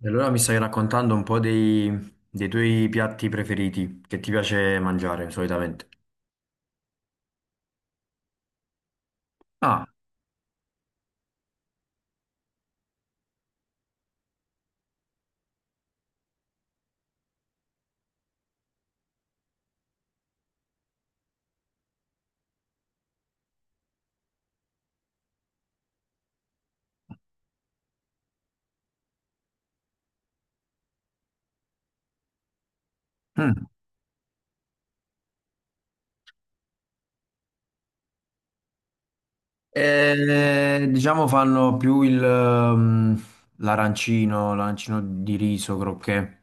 E allora mi stai raccontando un po' dei, dei tuoi piatti preferiti che ti piace mangiare solitamente. Ah, mm. Diciamo fanno più il, mm, l'arancino, l'arancino di riso, croquet,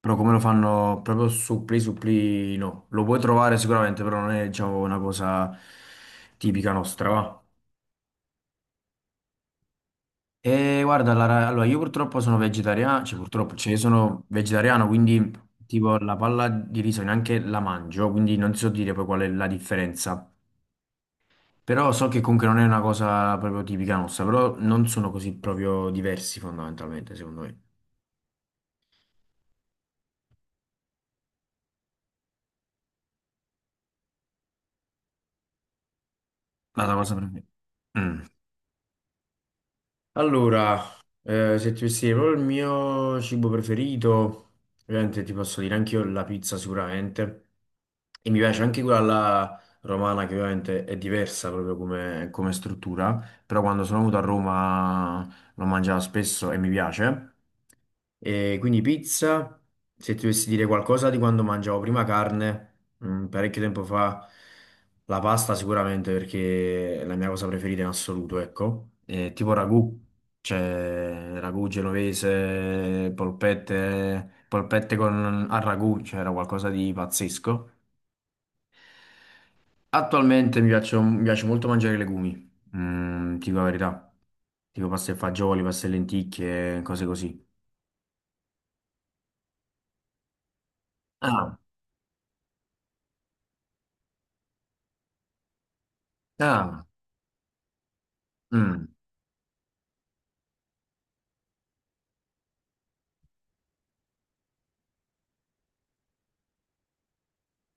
però come lo fanno proprio supplì supplì no. Lo puoi trovare sicuramente, però non è diciamo una cosa tipica nostra, va. E guarda, allora io purtroppo sono vegetariano, cioè purtroppo, cioè io sono vegetariano, quindi tipo la palla di riso neanche la mangio, quindi non so dire poi qual è la differenza. Però so che comunque non è una cosa proprio tipica nostra, però non sono così proprio diversi fondamentalmente, secondo me. Ma la cosa per me. Allora, se ti dovessi dire proprio il mio cibo preferito, ovviamente ti posso dire anche io la pizza sicuramente. E mi piace anche quella alla romana che ovviamente è diversa proprio come, come struttura, però quando sono venuto a Roma l'ho mangiata spesso e mi piace. E quindi pizza, se ti dovessi dire qualcosa di quando mangiavo prima carne mm, parecchio tempo fa la pasta sicuramente perché è la mia cosa preferita in assoluto, ecco. Tipo ragù, cioè ragù genovese, polpette, polpette con, al ragù, cioè era qualcosa di pazzesco. Attualmente mi piace molto mangiare i legumi, mm, ti dico la verità, tipo pasta e fagioli, pasta e lenticchie, cose così. Ah, ah, mm.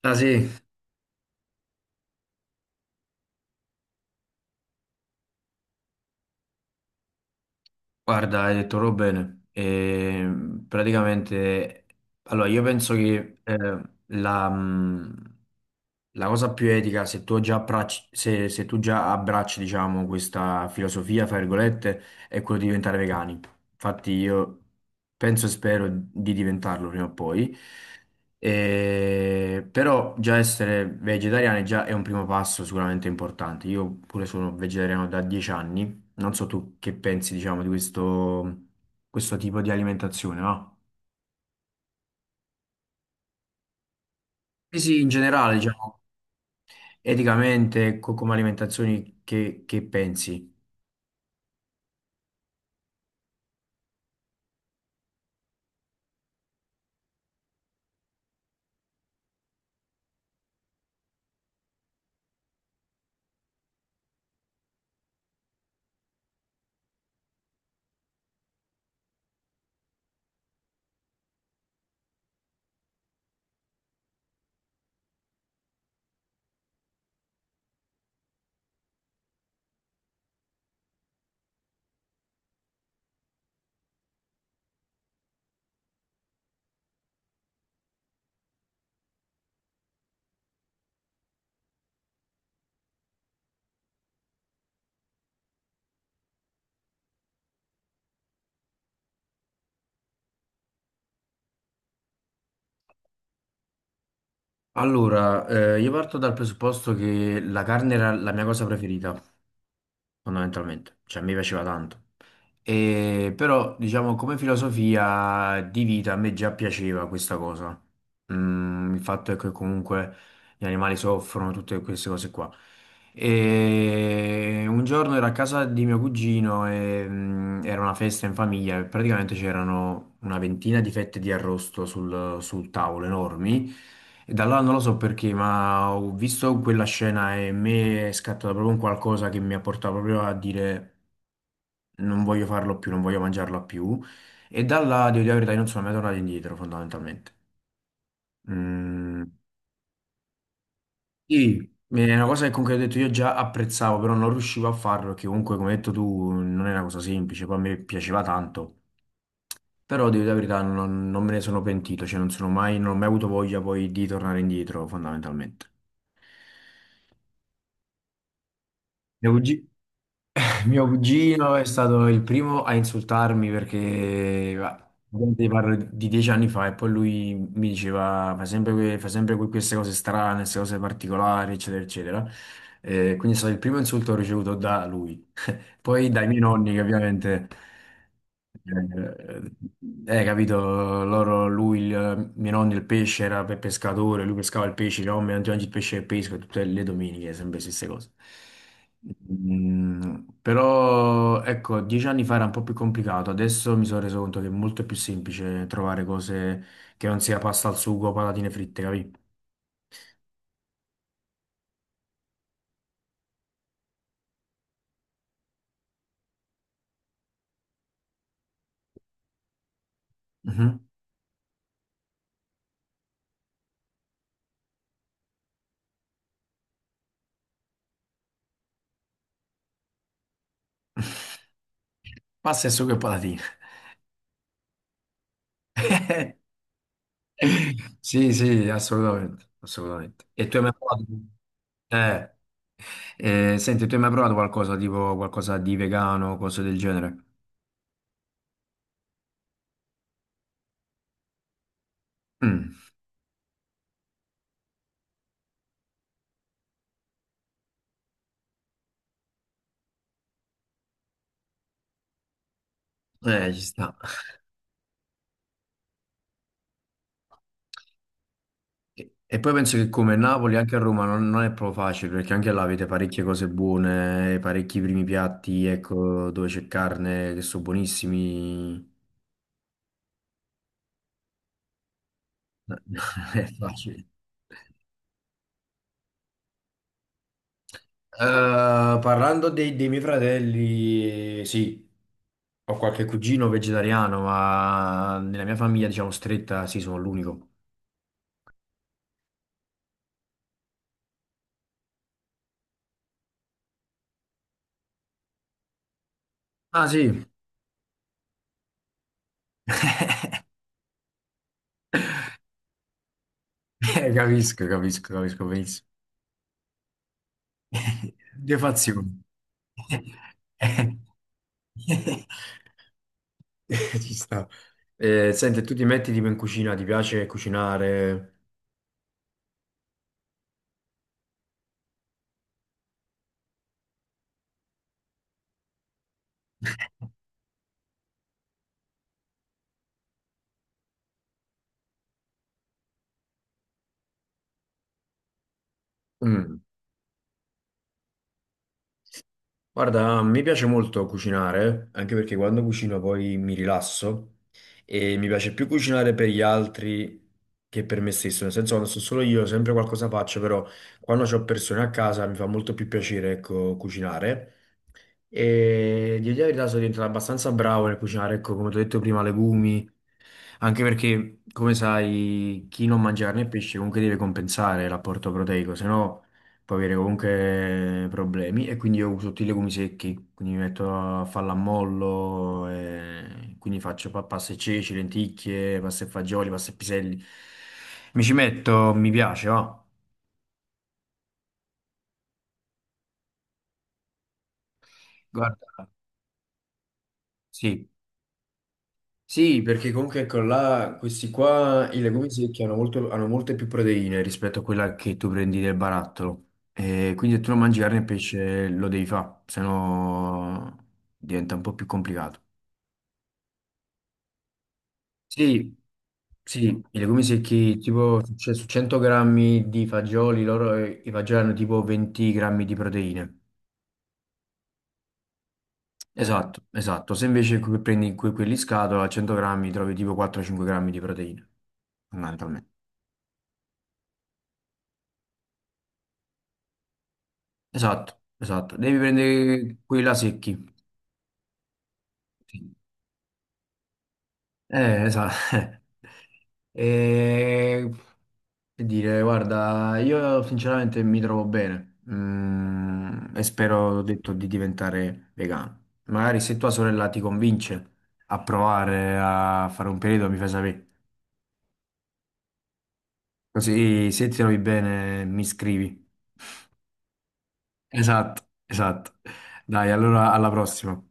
Ah sì, guarda, hai detto proprio bene. Praticamente, allora io penso che la, la cosa più etica, se tu già abbracci, se tu già abbracci, diciamo, questa filosofia, fra virgolette, è quello di diventare vegani. Infatti io penso e spero di diventarlo prima o poi. Però già essere vegetariani già è un primo passo sicuramente importante. Io pure sono vegetariano da 10 anni, non so tu che pensi, diciamo, di questo, questo tipo di alimentazione, no? Sì, sì, in generale, diciamo, eticamente, come alimentazioni, che pensi? Allora, io parto dal presupposto che la carne era la mia cosa preferita, fondamentalmente, cioè a me piaceva tanto. E, però, diciamo, come filosofia di vita a me già piaceva questa cosa. Mm, il fatto è che comunque gli animali soffrono, tutte queste cose qua. E un giorno ero a casa di mio cugino e mm, era una festa in famiglia e praticamente c'erano una ventina di fette di arrosto sul, sul tavolo enormi. E da allora non lo so perché, ma ho visto quella scena e in me è scattato proprio un qualcosa che mi ha portato proprio a dire non voglio farlo più, non voglio mangiarla più. E da là, devo dire la verità, io non sono mai tornato indietro, fondamentalmente. Mm. Sì, è una cosa che comunque ho detto io già apprezzavo, però non riuscivo a farlo perché comunque, come hai detto tu, non è una cosa semplice, poi a me piaceva tanto, però devo dire la verità, non me ne sono pentito, cioè non sono mai, non ho mai avuto voglia poi di tornare indietro, fondamentalmente. Mio cugi- mio cugino è stato il primo a insultarmi perché, va, ovviamente parlo di dieci anni fa e poi lui mi diceva, fai sempre, fai sempre queste cose strane, queste cose particolari, eccetera, eccetera. Quindi è stato il primo insulto che ho ricevuto da lui. Poi dai miei nonni che ovviamente, eh, capito, loro, lui, il, mio nonno il pesce era per pescatore, lui pescava il pesce, no, non ti mangi il pesce che pesco, tutte le domeniche, sempre le stesse cose. Mm, però, ecco, dieci anni fa era un po' più complicato, adesso mi sono reso conto che è molto più semplice trovare cose che non sia pasta al sugo o patatine fritte, capito? Mhm. Pasta e sugo e patatine. Sì, sì, assolutamente, assolutamente. E tu hai mai provato? Eh, senti, tu hai mai provato qualcosa tipo qualcosa di vegano, cose del genere? Mm, ci sta. E poi penso che come Napoli, anche a Roma non, non è proprio facile, perché anche là avete parecchie cose buone, parecchi primi piatti, ecco, dove c'è carne che sono buonissimi. Non è facile. Parlando dei, dei miei fratelli, sì. Ho qualche cugino vegetariano, ma nella mia famiglia, diciamo, stretta, sì, sono l'unico. Ah, sì, eh, capisco, capisco, capisco benissimo. Due fazioni. Ci sta. Senti, tu ti metti tipo in cucina, ti piace cucinare? Mm. Guarda, mi piace molto cucinare, anche perché quando cucino poi mi rilasso. E mi piace più cucinare per gli altri che per me stesso, nel senso quando sto solo io sempre qualcosa faccio, però quando ho persone a casa mi fa molto più piacere, ecco, cucinare. E di dire la verità sono diventato abbastanza bravo nel cucinare, ecco, come ti ho detto prima, legumi, anche perché, come sai, chi non mangia carne e pesce comunque deve compensare l'apporto proteico, se no può avere comunque problemi. E quindi io uso tutti i legumi secchi, quindi mi metto a fallammollo, e quindi faccio pasta e ceci, lenticchie, pasta e fagioli, pasta e piselli. Mi ci metto, mi piace, va. Guarda, sì. Sì, perché comunque ecco là, questi qua, i legumi secchi hanno, hanno molte più proteine rispetto a quella che tu prendi del barattolo. E quindi se tu non mangi carne e pesce lo devi fare, sennò diventa un po' più complicato. Sì, sì, i legumi secchi, tipo su 100 grammi di fagioli, loro, i fagioli hanno tipo 20 grammi di proteine. Esatto, esatto. Se invece prendi quelli in scatola, a 100 grammi trovi tipo 4-5 grammi di proteine, fondamentalmente. Esatto, esatto. Devi prendere quelli là secchi. Sì. Esatto. E che dire, guarda, io sinceramente mi trovo bene. Mm, e spero, ho detto, di diventare vegano. Magari se tua sorella ti convince a provare a fare un periodo, mi fai sapere. Così se ti trovi bene, mi scrivi. Esatto, esatto. Dai, allora alla prossima.